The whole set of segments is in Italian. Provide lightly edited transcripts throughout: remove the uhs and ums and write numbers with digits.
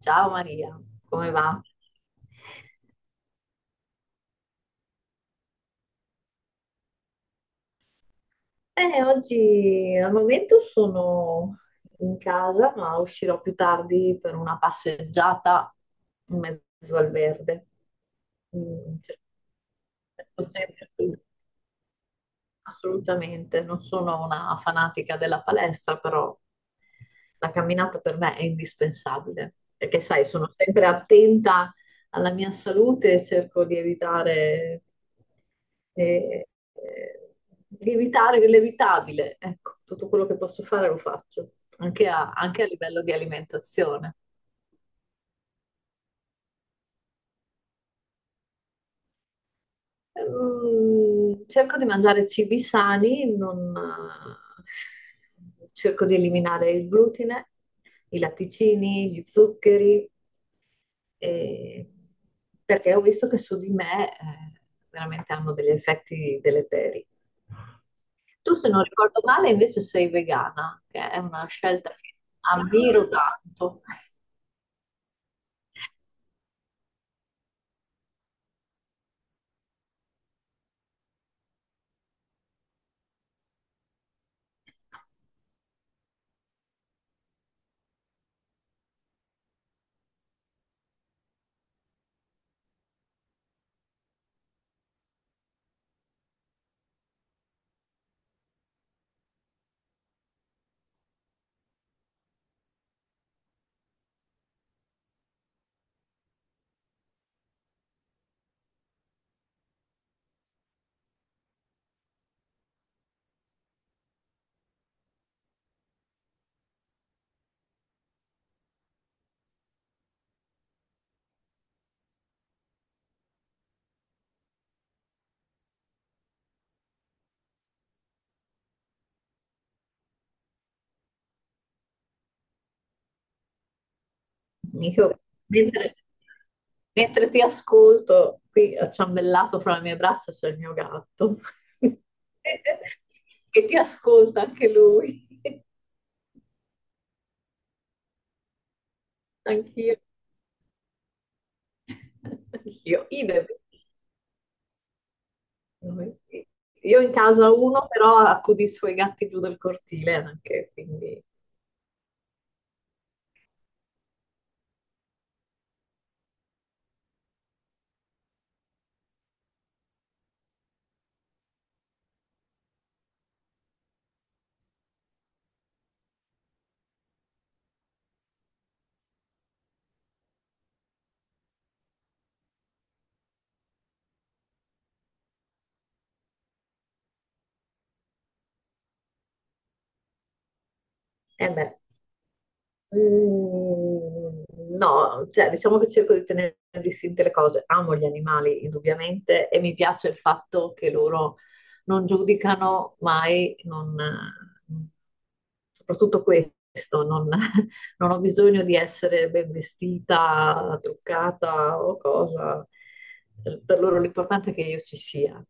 Ciao Maria, come va? Oggi al momento sono in casa, ma uscirò più tardi per una passeggiata in mezzo al verde. Mm, cerco sempre- assolutamente, non sono una fanatica della palestra, però la camminata per me è indispensabile, perché sai, sono sempre attenta alla mia salute e cerco eh, eh, di evitare l'evitabile. Ecco, tutto quello che posso fare lo faccio, anche a anche a livello di alimentazione. Mm, cerco di mangiare cibi sani, non, cerco di eliminare il glutine, i latticini, gli zuccheri, e- perché ho visto che su di me, veramente hanno degli effetti deleteri. Tu, se non ricordo male, invece sei vegana, che è una scelta che ammiro tanto. Nico, mentre, mentre ti ascolto, qui acciambellato fra le mie braccia c'è il mio gatto, che ti ascolta anche lui, anch'io, anch'io, idem. Io in casa ho uno, però accudo i suoi gatti giù dal cortile anche, quindi... Eh beh. Mm, no, cioè diciamo che cerco di tenere distinte le cose. Amo gli animali, indubbiamente, e mi piace il fatto che loro non giudicano mai, soprattutto questo, non, non ho bisogno di essere ben vestita, truccata o cosa. Per loro l'importante è che io ci sia.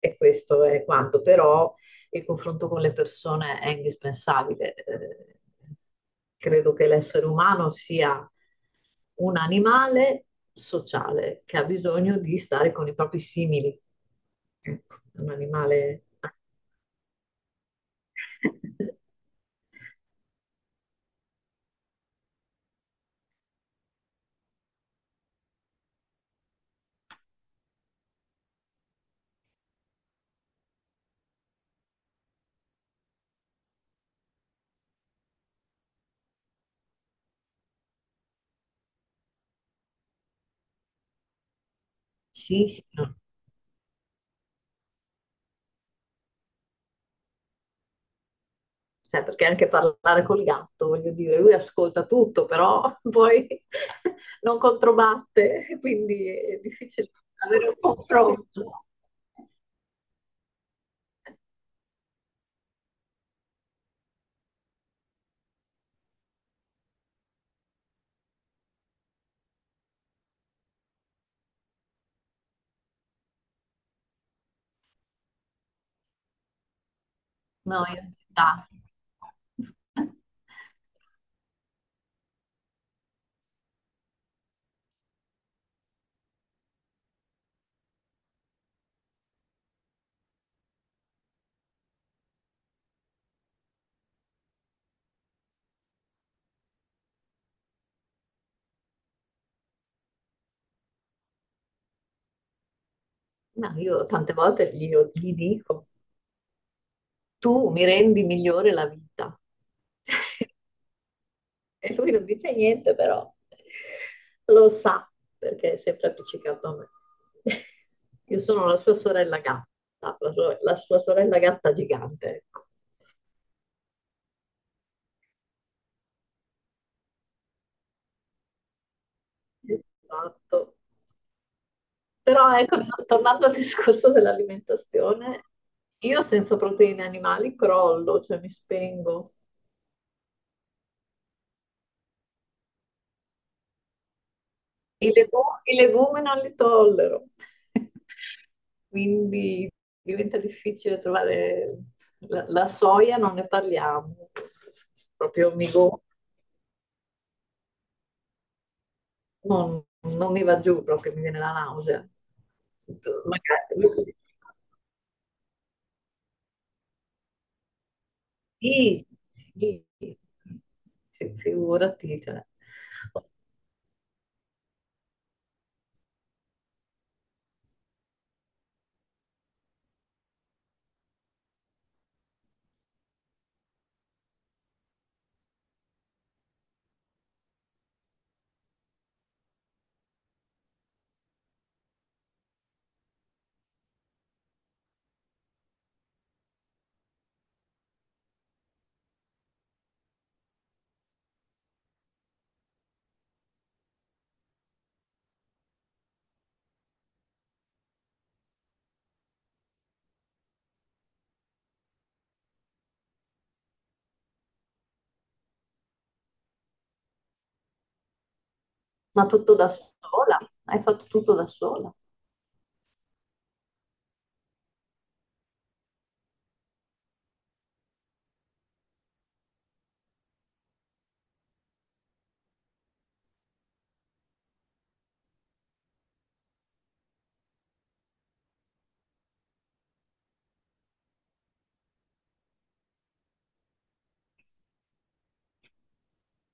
E questo è quanto, però il confronto con le persone è indispensabile. Credo che l'essere umano sia un animale sociale che ha bisogno di stare con i propri simili. Ecco, è un animale... Sì, sì, no. Cioè, perché anche parlare col gatto, voglio dire, lui ascolta tutto, però poi non controbatte, quindi è difficile avere un confronto. No, in realtà. Ma io tante volte gli dico, tu mi rendi migliore la vita. E lui non dice niente, però lo sa, perché è sempre appiccicato a me. Io sono la sua sorella gatta, la sua sorella gatta gigante, ecco. Esatto. Però ecco, tornando al discorso dell'alimentazione, io senza proteine animali crollo, cioè mi spengo. I legumi non li tollero. Quindi diventa difficile trovare la soia, non ne parliamo. Proprio mi go- non, non mi va giù, proprio mi viene la nausea. Magari- sì, sì, sì, figurati, cioè. Ma tutto da sola? Hai fatto tutto da sola?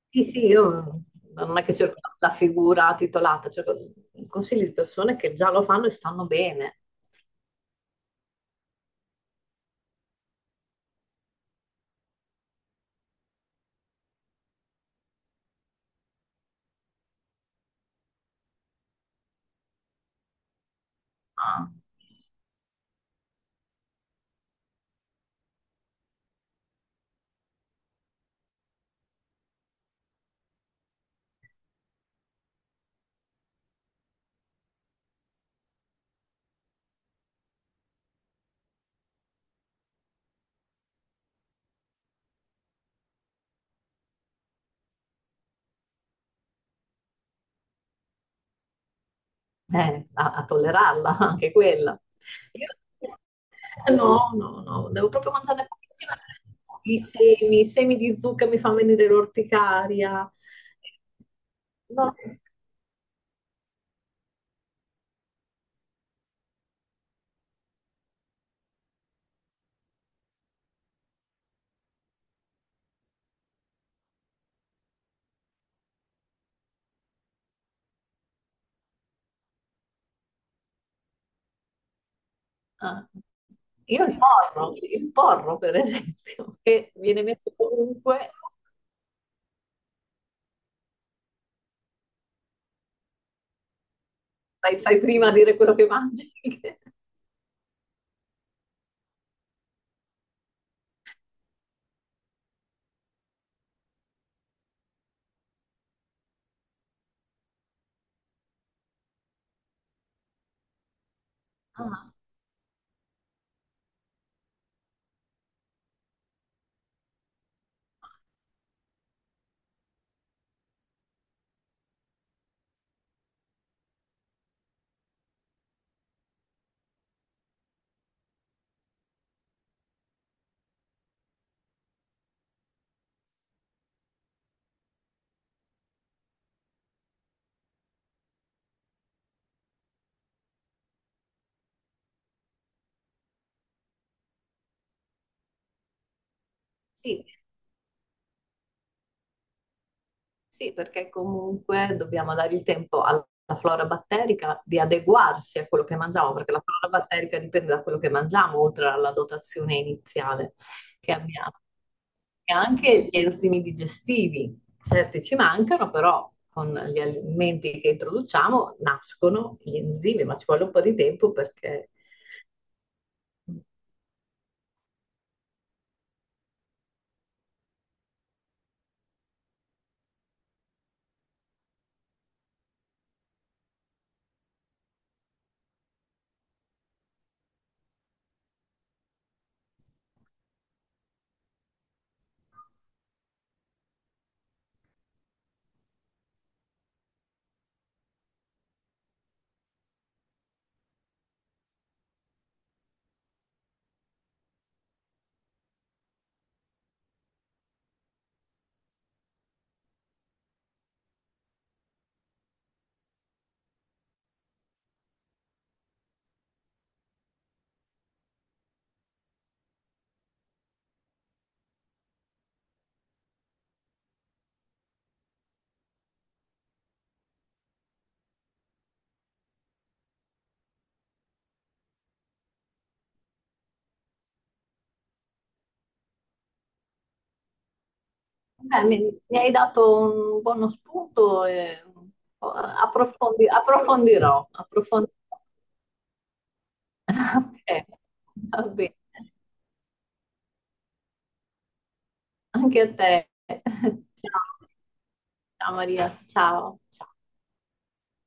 Sì, sì, io non è che cerco la figura titolata, cerco consigli di persone che già lo fanno e stanno bene a, a tollerarla, anche quella. Io- no, no, no, devo proprio mangiarne pochissime. I semi di zucca mi fanno venire l'orticaria. No, ah, io il porro per esempio, che viene messo ovunque, fai, fai prima a dire quello che mangi. che- ah, sì, sì, perché comunque dobbiamo dare il tempo alla flora batterica di adeguarsi a quello che mangiamo, perché la flora batterica dipende da quello che mangiamo, oltre alla dotazione iniziale che abbiamo. E anche gli enzimi digestivi, certi ci mancano, però con gli alimenti che introduciamo nascono gli enzimi, ma ci vuole un po' di tempo perché... Beh, mi hai dato un buono spunto e oh, approfondirò, approfondirò. Ok, va bene. Anche a te. Ciao, ciao Maria. Ciao.